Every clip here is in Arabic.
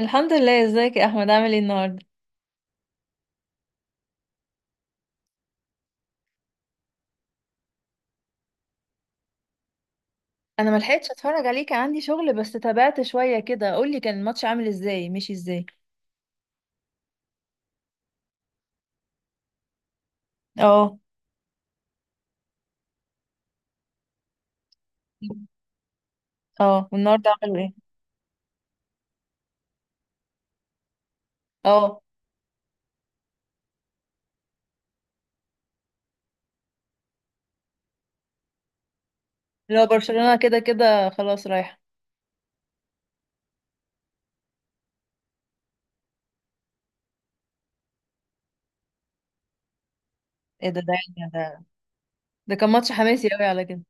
الحمد لله، ازيك يا احمد؟ عامل ايه النهارده؟ انا ما لحقتش اتفرج عليه، كان عندي شغل بس تابعت شويه كده. قول لي، كان الماتش عامل ازاي؟ مشي ازاي؟ اه. اه، والنهارده عملوا ايه؟ اه، لو برشلونه كده كده خلاص رايحه. ايه ده يعني؟ ده ده كان ماتش حماسي قوي على كده.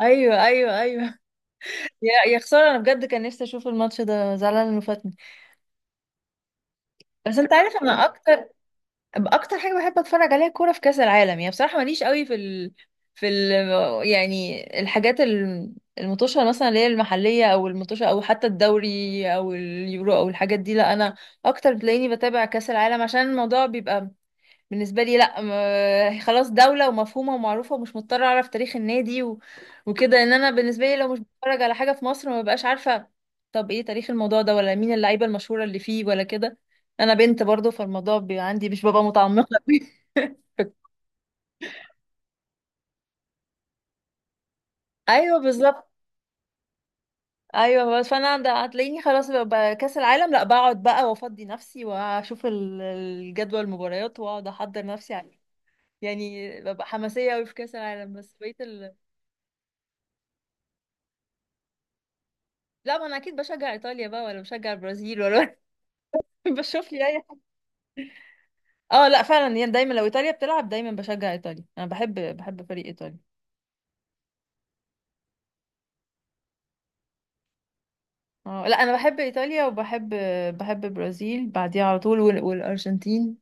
ايوه، ايوه، ايوه. يا خساره، انا بجد كان نفسي اشوف الماتش ده، زعلانه انه فاتني. بس انت عارف، انا اكتر حاجه بحب اتفرج عليها كوره في كاس العالم، يعني بصراحه ماليش قوي في ال... يعني الحاجات المطوشه مثلا، اللي هي المحليه او المطوشه او حتى الدوري او اليورو او الحاجات دي. لا انا اكتر بتلاقيني بتابع كاس العالم عشان الموضوع بيبقى بالنسبة لي، لا، خلاص دولة ومفهومة ومعروفة، ومش مضطرة أعرف تاريخ النادي وكده. إن أنا بالنسبة لي لو مش بتفرج على حاجة في مصر ما ببقاش عارفة. طب إيه تاريخ الموضوع ده، ولا مين اللعيبة المشهورة اللي فيه، ولا كده؟ أنا بنت برضو، فالموضوع بيبقى عندي مش ببقى متعمقة أوي. أيوه بالظبط. أيوه، بس فأنا هتلاقيني خلاص ببقى كأس العالم، لا بقعد بقى وأفضي نفسي وأشوف الجدول المباريات، وأقعد أحضر نفسي عليه. يعني ببقى حماسية أوي في كأس العالم، بس بقيت. لا ما انا اكيد بشجع ايطاليا بقى، ولا بشجع البرازيل، ولا بشوف لي اي حاجه. اه، لا فعلا يعني دايما لو ايطاليا بتلعب دايما بشجع ايطاليا. انا بحب فريق ايطاليا. اه، لا انا بحب ايطاليا، وبحب البرازيل بعديها على طول والارجنتين.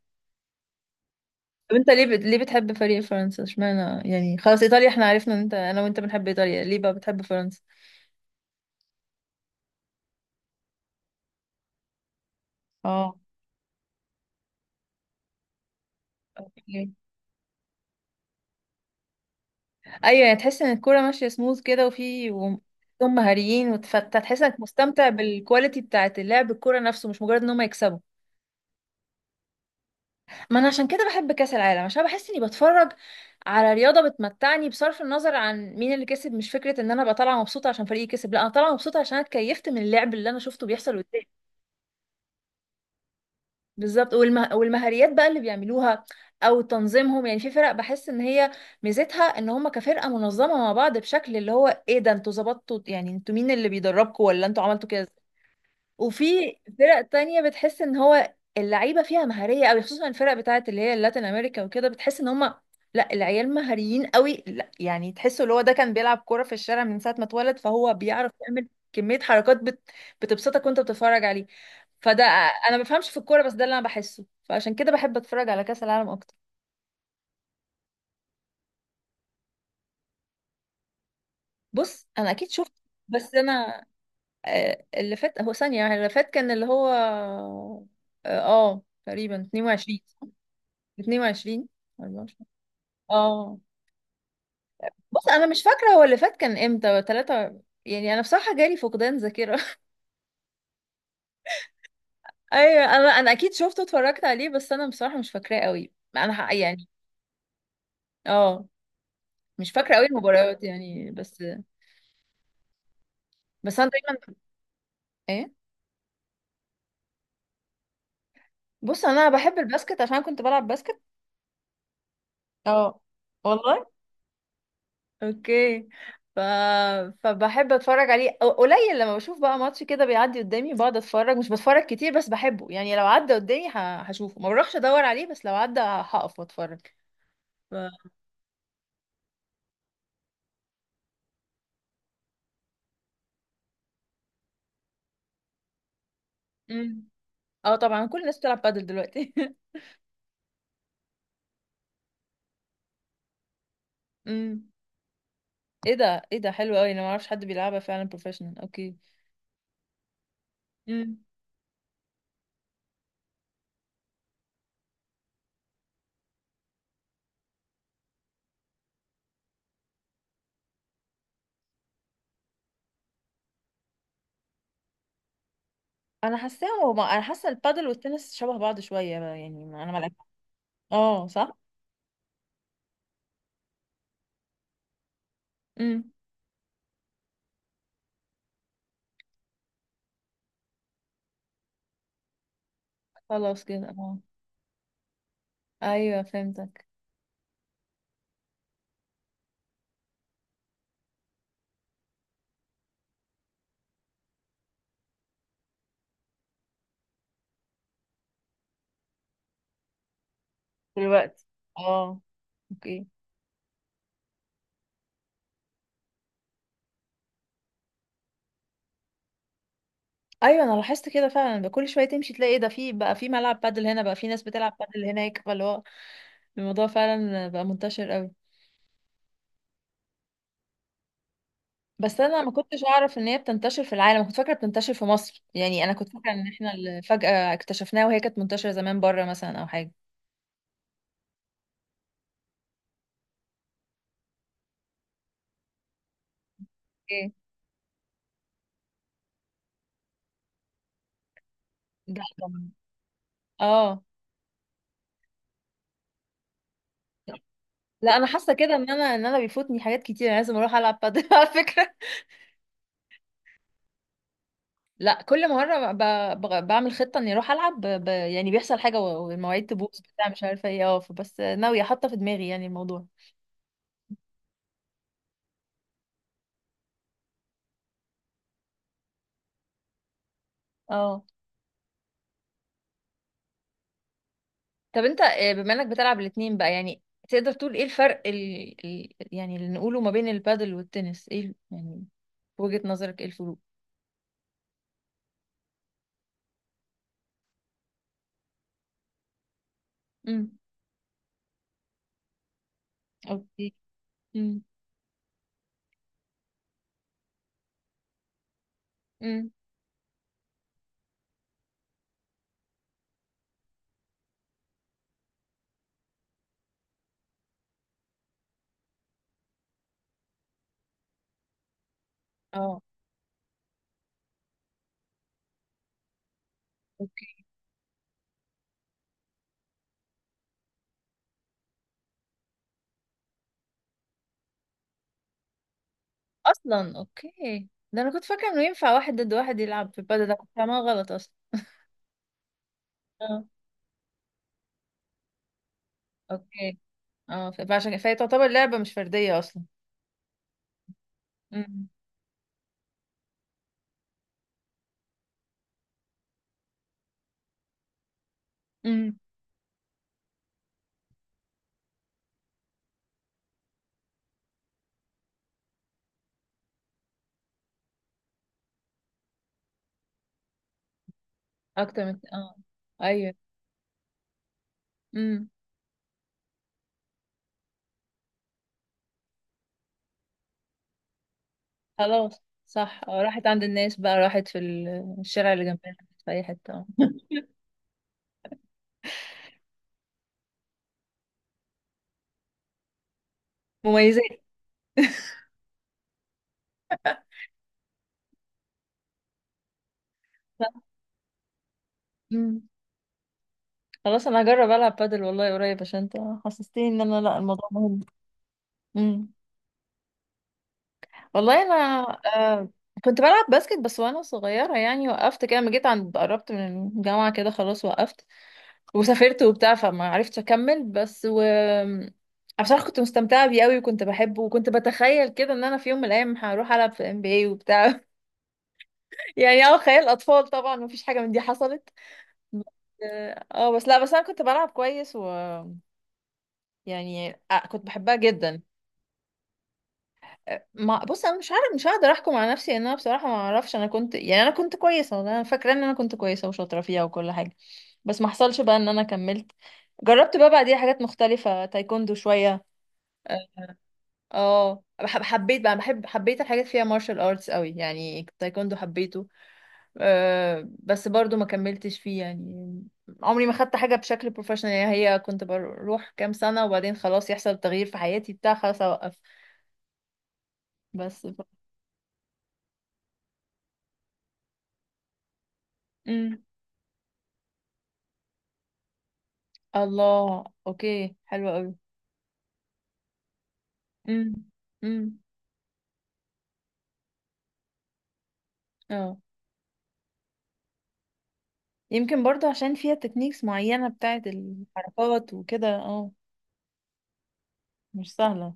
طب انت ليه بتحب فريق فرنسا؟ اشمعنى يعني؟ خلاص ايطاليا احنا عرفنا ان انت، انا وانت بنحب ايطاليا، ليه بقى بتحب فرنسا؟ اه. أوكي. ايوه، يعني تحس ان الكوره ماشيه سموث كده هم مهاريين، وتحس انك مستمتع بالكواليتي بتاعت اللعب، الكوره نفسه، مش مجرد ان هم يكسبوا. ما انا عشان كده بحب كاس العالم، عشان بحس اني بتفرج على رياضه بتمتعني بصرف النظر عن مين اللي كسب، مش فكره ان انا ابقى طالعه مبسوطه عشان فريقي كسب، لا انا طالعه مبسوطه عشان أنا اتكيفت من اللعب اللي انا شفته بيحصل قدامي. بالظبط. والمهاريات بقى اللي بيعملوها، او تنظيمهم. يعني في فرق بحس ان هي ميزتها ان هم كفرقه منظمه مع بعض، بشكل اللي هو ايه ده؟ انتوا ظبطتوا يعني؟ انتوا مين اللي بيدربكوا ولا انتوا عملتوا كده؟ وفي فرق تانية بتحس ان هو اللعيبة فيها مهارية قوي، خصوصا الفرق بتاعت اللي هي اللاتين امريكا وكده، بتحس ان هم، لا، العيال مهاريين قوي. لا يعني، تحسوا اللي هو ده كان بيلعب كورة في الشارع من ساعة ما اتولد، فهو بيعرف يعمل كمية حركات بتبسطك وانت بتتفرج عليه. فده، انا ما بفهمش في الكورة، بس ده اللي انا بحسه، فعشان كده بحب اتفرج على كأس العالم اكتر. بص انا اكيد شفت، بس انا اللي فات هو ثانية يعني، اللي فات كان اللي هو تقريبا 22. 22. 24. اه. بص انا مش فاكره هو اللي فات كان امتى، ثلاثة يعني، انا بصراحه جالي فقدان ذاكره. ايوه، انا اكيد شفته، اتفرجت عليه، بس انا بصراحه مش فاكراه قوي. انا يعني اه مش فاكره قوي المباريات يعني، بس انا دايما، ايه. بص انا بحب الباسكت عشان كنت بلعب باسكت. اه. والله. اوكي. ف... فبحب اتفرج عليه، قليل لما بشوف بقى ماتش كده بيعدي قدامي بقعد اتفرج. مش بتفرج كتير بس بحبه، يعني لو عدى قدامي هشوفه، ما بروحش ادور عليه، بس لو عدى هقف واتفرج. ف... مم. اه، طبعا كل الناس بتلعب بادل دلوقتي. امم. ايه ده حلو قوي، انا ما اعرفش حد بيلعبها فعلا بروفيشنال. اوكي. امم. انا حاساهم هما- انا حاسه البادل والتنس شبه بعض شويه بقى، يعني انا ما لعبت. اه صح. امم. خلاص كده. اه. ايوه فهمتك. دلوقتي. اه. اوكي. ايوه، انا لاحظت كده فعلا بقى، كل شويه تمشي تلاقي إيه ده، في بقى في ملعب بادل هنا، بقى في ناس بتلعب بادل هناك، فاللي هو الموضوع فعلا بقى منتشر قوي. بس انا ما كنتش اعرف ان هي بتنتشر في العالم، كنت فاكره بتنتشر في مصر. يعني انا كنت فاكره ان احنا اللي فجاه اكتشفناها، وهي كانت منتشره زمان بره مثلا او حاجه. ايه ده. اه، لا انا حاسه كده ان انا، ان انا بيفوتني حاجات كتير، انا لازم اروح العب بادل على فكره. لا كل مرة بعمل خطة اني اروح العب يعني بيحصل حاجة والمواعيد تبوظ بتاع، مش عارفة ايه. اه، بس ناوية، حاطة في دماغي يعني الموضوع. اه. طب انت، بما انك بتلعب الاتنين بقى، يعني تقدر تقول ايه الفرق يعني اللي نقوله ما بين البادل والتنس؟ ايه يعني في وجهة نظرك ايه الفروق؟ امم. اوكي. امم. امم. اه. اوكي. اصلا. اوكي. ده انا كنت فاكره انه ينفع واحد ضد واحد يلعب في البادل، ده كنت فاهمها غلط اصلا. اه. اوكي. اه. فهي تعتبر لعبة مش فردية اصلا. امم. امم. اكتر من اه. ايوه. امم. خلاص صح. اه، راحت عند الناس بقى، راحت في الشارع اللي جنبنا، راحت في اي حتة. اه. مميزات. صح. امم. خلاص انا هجرب العب بادل والله قريب، عشان انت حسستني ان انا لا الموضوع مهم. امم. والله انا آه كنت بلعب باسكت بس وانا صغيرة يعني، وقفت كده لما جيت عند، قربت من الجامعة كده خلاص وقفت. وسافرت وبتاع، فما عرفتش اكمل، بس عشان كنت مستمتعه بيه قوي وكنت بحبه، وكنت بتخيل كده ان انا في يوم من الايام هروح العب في ام بي اي وبتاع. يعني اه، خيال اطفال طبعا، مفيش حاجه من دي حصلت. بس- اه بس، لا بس انا كنت بلعب كويس، و يعني كنت بحبها جدا. ما بص انا مش عارف، مش هقدر احكم على نفسي ان انا بصراحه ما اعرفش. انا كنت، يعني انا كنت كويسه، والله انا فاكره ان انا كنت كويسه وشاطره فيها وكل حاجه. بس ما حصلش بقى ان انا كملت. جربت بقى بعديها حاجات مختلفه، تايكوندو شويه. اه، حبيت بقى، حبيت الحاجات فيها مارشال ارتس قوي، يعني تايكوندو حبيته. بس برضو ما كملتش فيه يعني، عمري ما خدت حاجة بشكل بروفيشنال. يعني هي كنت بروح كام سنة وبعدين خلاص يحصل تغيير في حياتي بتاع، خلاص اوقف. بس مم. الله. اوكي حلوة قوي. مم. مم. اه، يمكن برضو عشان فيها تكنيكس معينة بتاعت الحركات وكده. اه، مش سهلة.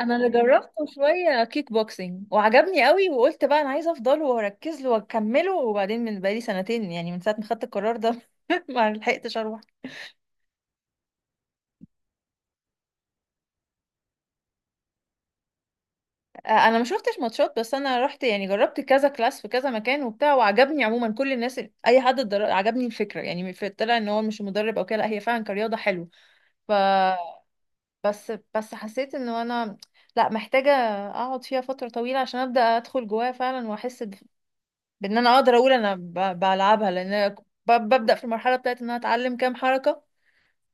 انا اللي جربته شويه كيك بوكسينج وعجبني قوي، وقلت بقى انا عايزه افضله واركز له واكمله، وبعدين من بقالي سنتين، يعني من ساعه ما خدت القرار ده ما لحقتش اروح. انا ما شفتش ماتشات، بس انا رحت يعني جربت كذا كلاس في كذا مكان وبتاع، وعجبني عموما كل الناس اي حد عجبني الفكره يعني، طلع ان هو مش مدرب او كده، لا هي فعلا كرياضه حلو. ف بس حسيت انه انا، لا محتاجه اقعد فيها فتره طويله عشان ابدا ادخل جواها فعلا، واحس بان انا اقدر اقول انا بلعبها. لان أنا ببدا في المرحله بتاعت ان انا اتعلم كام حركه،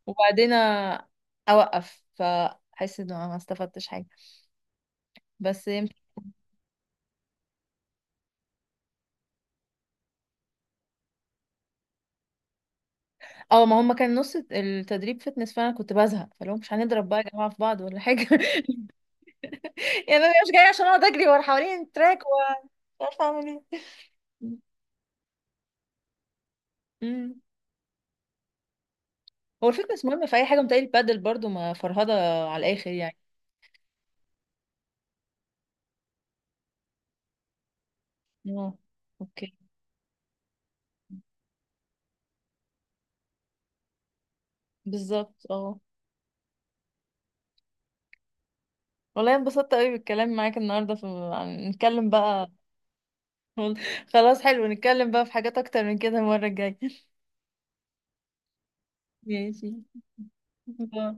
وبعدين اوقف فاحس ان انا ما استفدتش حاجه. بس يمكن. اه، ما هم كان نص التدريب فتنس فانا كنت بزهق، فلو مش هنضرب بقى يا جماعه في بعض ولا حاجه يعني انا مش جايه عشان اقعد اجري ورا حوالين التراك ومش عارفه اعمل ايه. أمم. هو الفتنس مهم في اي حاجه، متهيألي البادل برضو ما فرهضه على الاخر يعني. اه. اوكي. بالظبط. اه، والله انبسطت قوي بالكلام معاك النهارده في نتكلم بقى. خلاص حلو، نتكلم بقى في حاجات اكتر من كده المره الجايه. ماشي. باي.